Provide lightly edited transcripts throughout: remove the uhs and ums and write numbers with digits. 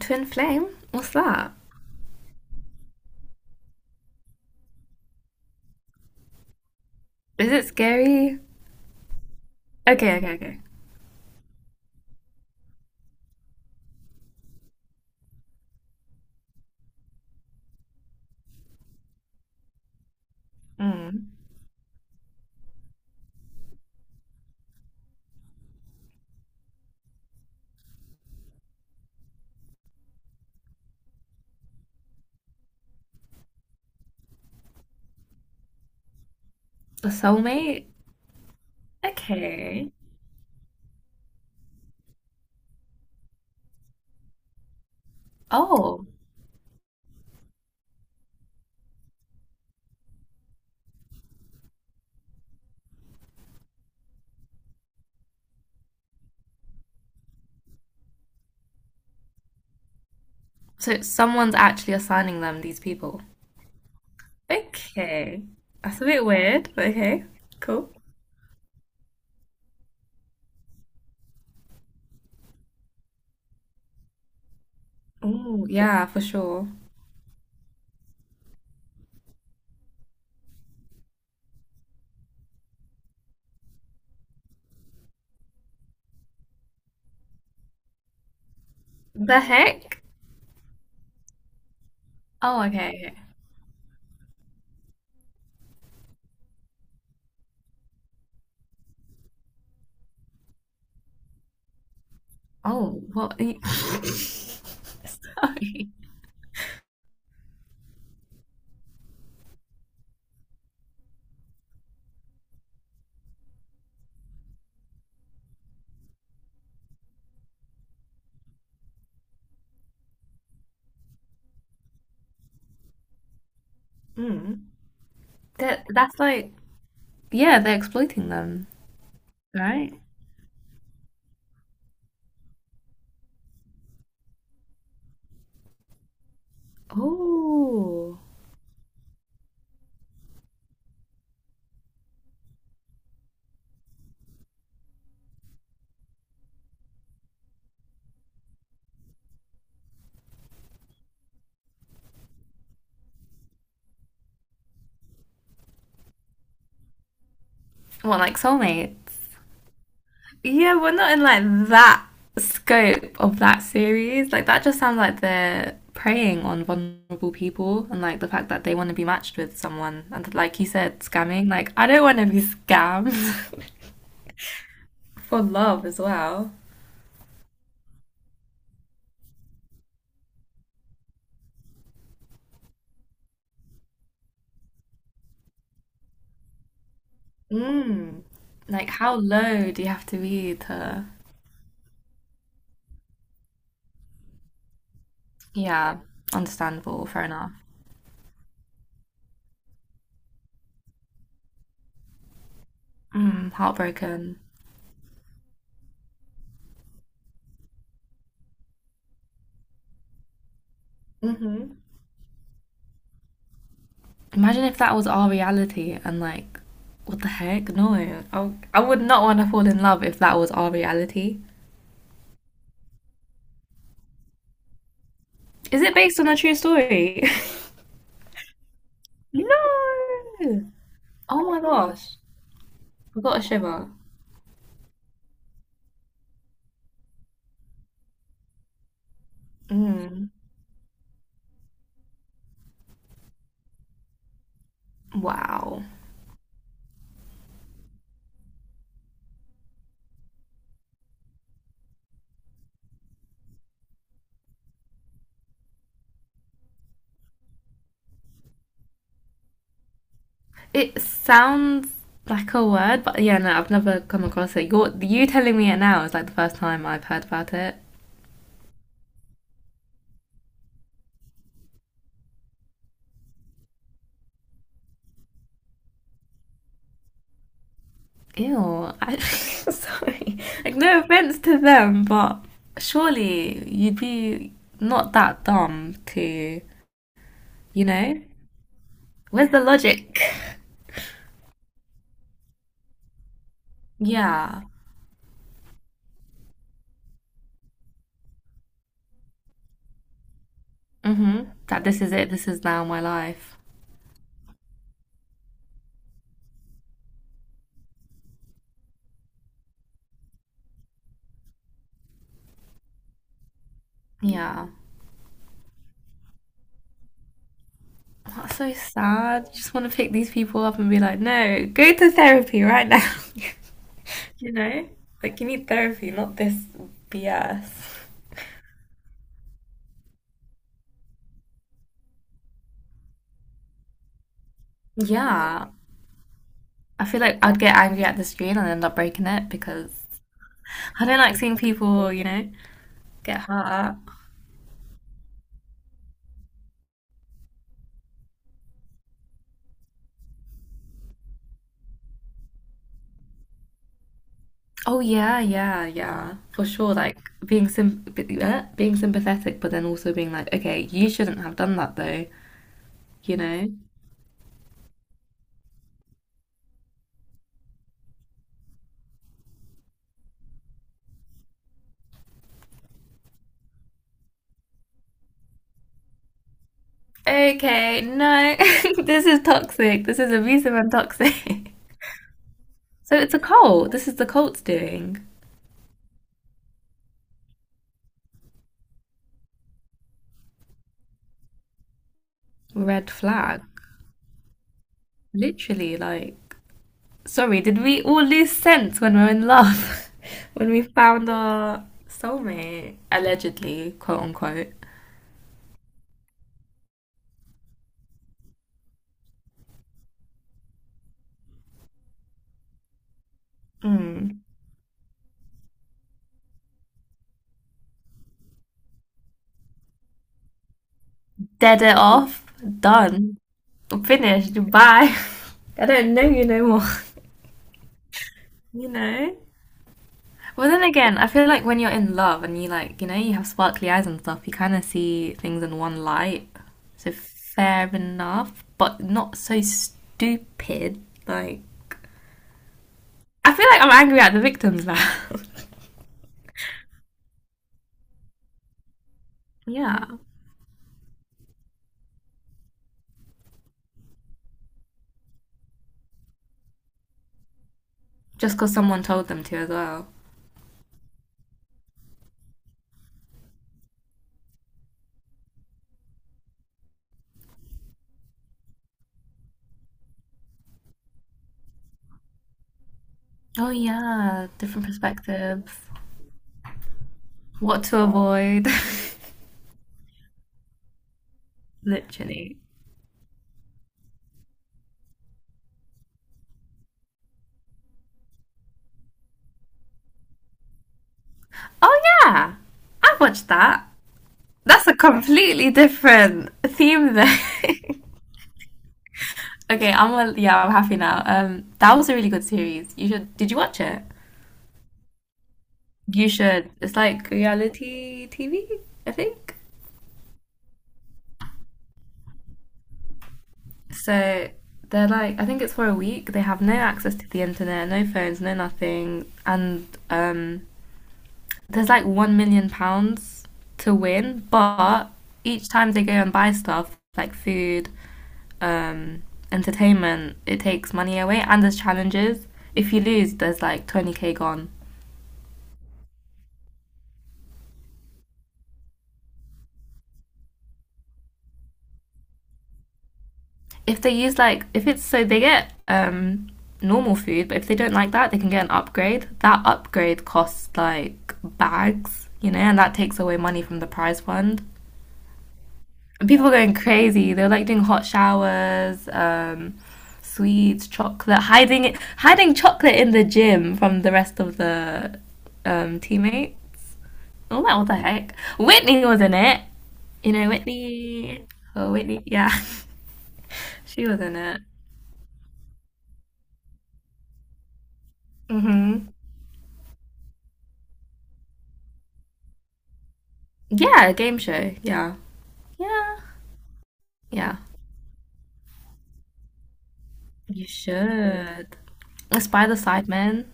Twin flame? What's that? Is it scary? Okay, okay, okay. Mm. A soulmate? Okay. Oh, so someone's actually assigning them these people. Okay. That's a bit weird, but okay. Cool. Oh, yeah, for sure. The heck? Oh, okay, okay. Oh, what? Sorry. Mm. That's like, yeah, they're exploiting them, right? Oh. What, like soulmates? Yeah, we're not in like that scope of that series. Like that just sounds like they're preying on vulnerable people, and like the fact that they want to be matched with someone, and like you said, scamming. Like I don't want to be scammed for love as well. Mm. Like how low do you have to be to? Yeah, understandable. Fair enough. Mm, heartbroken. Mm-hmm. Imagine if that was our reality and like, what the heck? No, I would not want to fall in love if that was our reality. Is it based on a true story? no! Oh my gosh. I got a shiver. Mm. Wow. It sounds like a word, but yeah, no, I've never come across it. You telling me it now is like the first time I've heard about it. Ew. I, sorry. Like, no offense to them, but surely you'd be not that dumb to, you know? Where's the logic? Yeah. Mm-hmm. That this is it. This is now my life. Yeah. That's so sad. You just want to pick these people up and be like, no, go to therapy right now. You know? Like, you need therapy, not this BS. Yeah. I feel like I'd get angry at the screen and end up breaking it because I don't like seeing people, you know, get hurt. At. Oh yeah, yeah, yeah, for sure. Like being sym- being sympathetic, but then also being like, okay, you shouldn't have done that though, you know. Okay, no, this is toxic. This is abusive and toxic. So it's a cult. This is the cult's doing. Red flag. Literally, like, sorry, did we all lose sense when we were in love? When we found our soulmate, allegedly, quote unquote. Mm. Dead it off, done, finished, bye. I don't know you no more, you know? Well, then again, I feel like when you're in love and you like, you know, you have sparkly eyes and stuff, you kind of see things in one light. So fair enough, but not so stupid. Like, I feel like I'm angry at the victims now. Yeah, just because someone told them to as well. Oh yeah, different perspectives. What to avoid. Literally. Oh yeah, I watched that. That's a completely different theme though. Okay, I'm well, yeah, I'm happy now. That was a really good series. You should. Did you watch it? You should. It's like reality TV, I think. So they're like, I think it's for a week. They have no access to the internet, no phones, no nothing, and there's like £1,000,000 to win, but each time they go and buy stuff like food um, entertainment, it takes money away and there's challenges. If you lose, there's like 20K gone. If they use like, if it's so they get normal food, but if they don't like that, they can get an upgrade. That upgrade costs like bags, you know, and that takes away money from the prize fund. And people are going crazy. They are like doing hot showers, sweets, chocolate, hiding it, hiding chocolate in the gym from the rest of the teammates. Oh, well, what the heck? Whitney was in it. You know, Whitney. Oh, Whitney. Yeah. She was in it. Mm-hmm. Yeah, a game show. Yeah. Yeah. Yeah. You should. Let's buy the side man.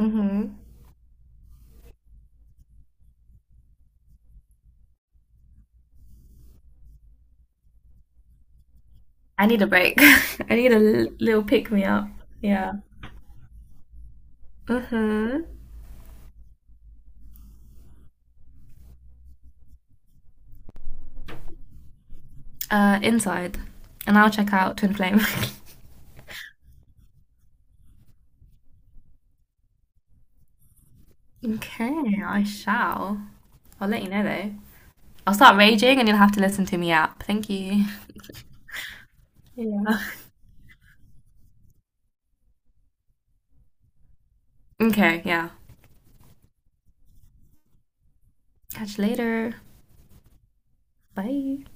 Mm-hmm. I need a break. I need a little pick me up. Yeah. Mm-hmm. Inside. And I'll check out Twin Flame. Okay, I shall. I'll let you know though. I'll start raging and you'll have to listen to me up. Thank you. Yeah. Okay, yeah. Catch you later. Bye.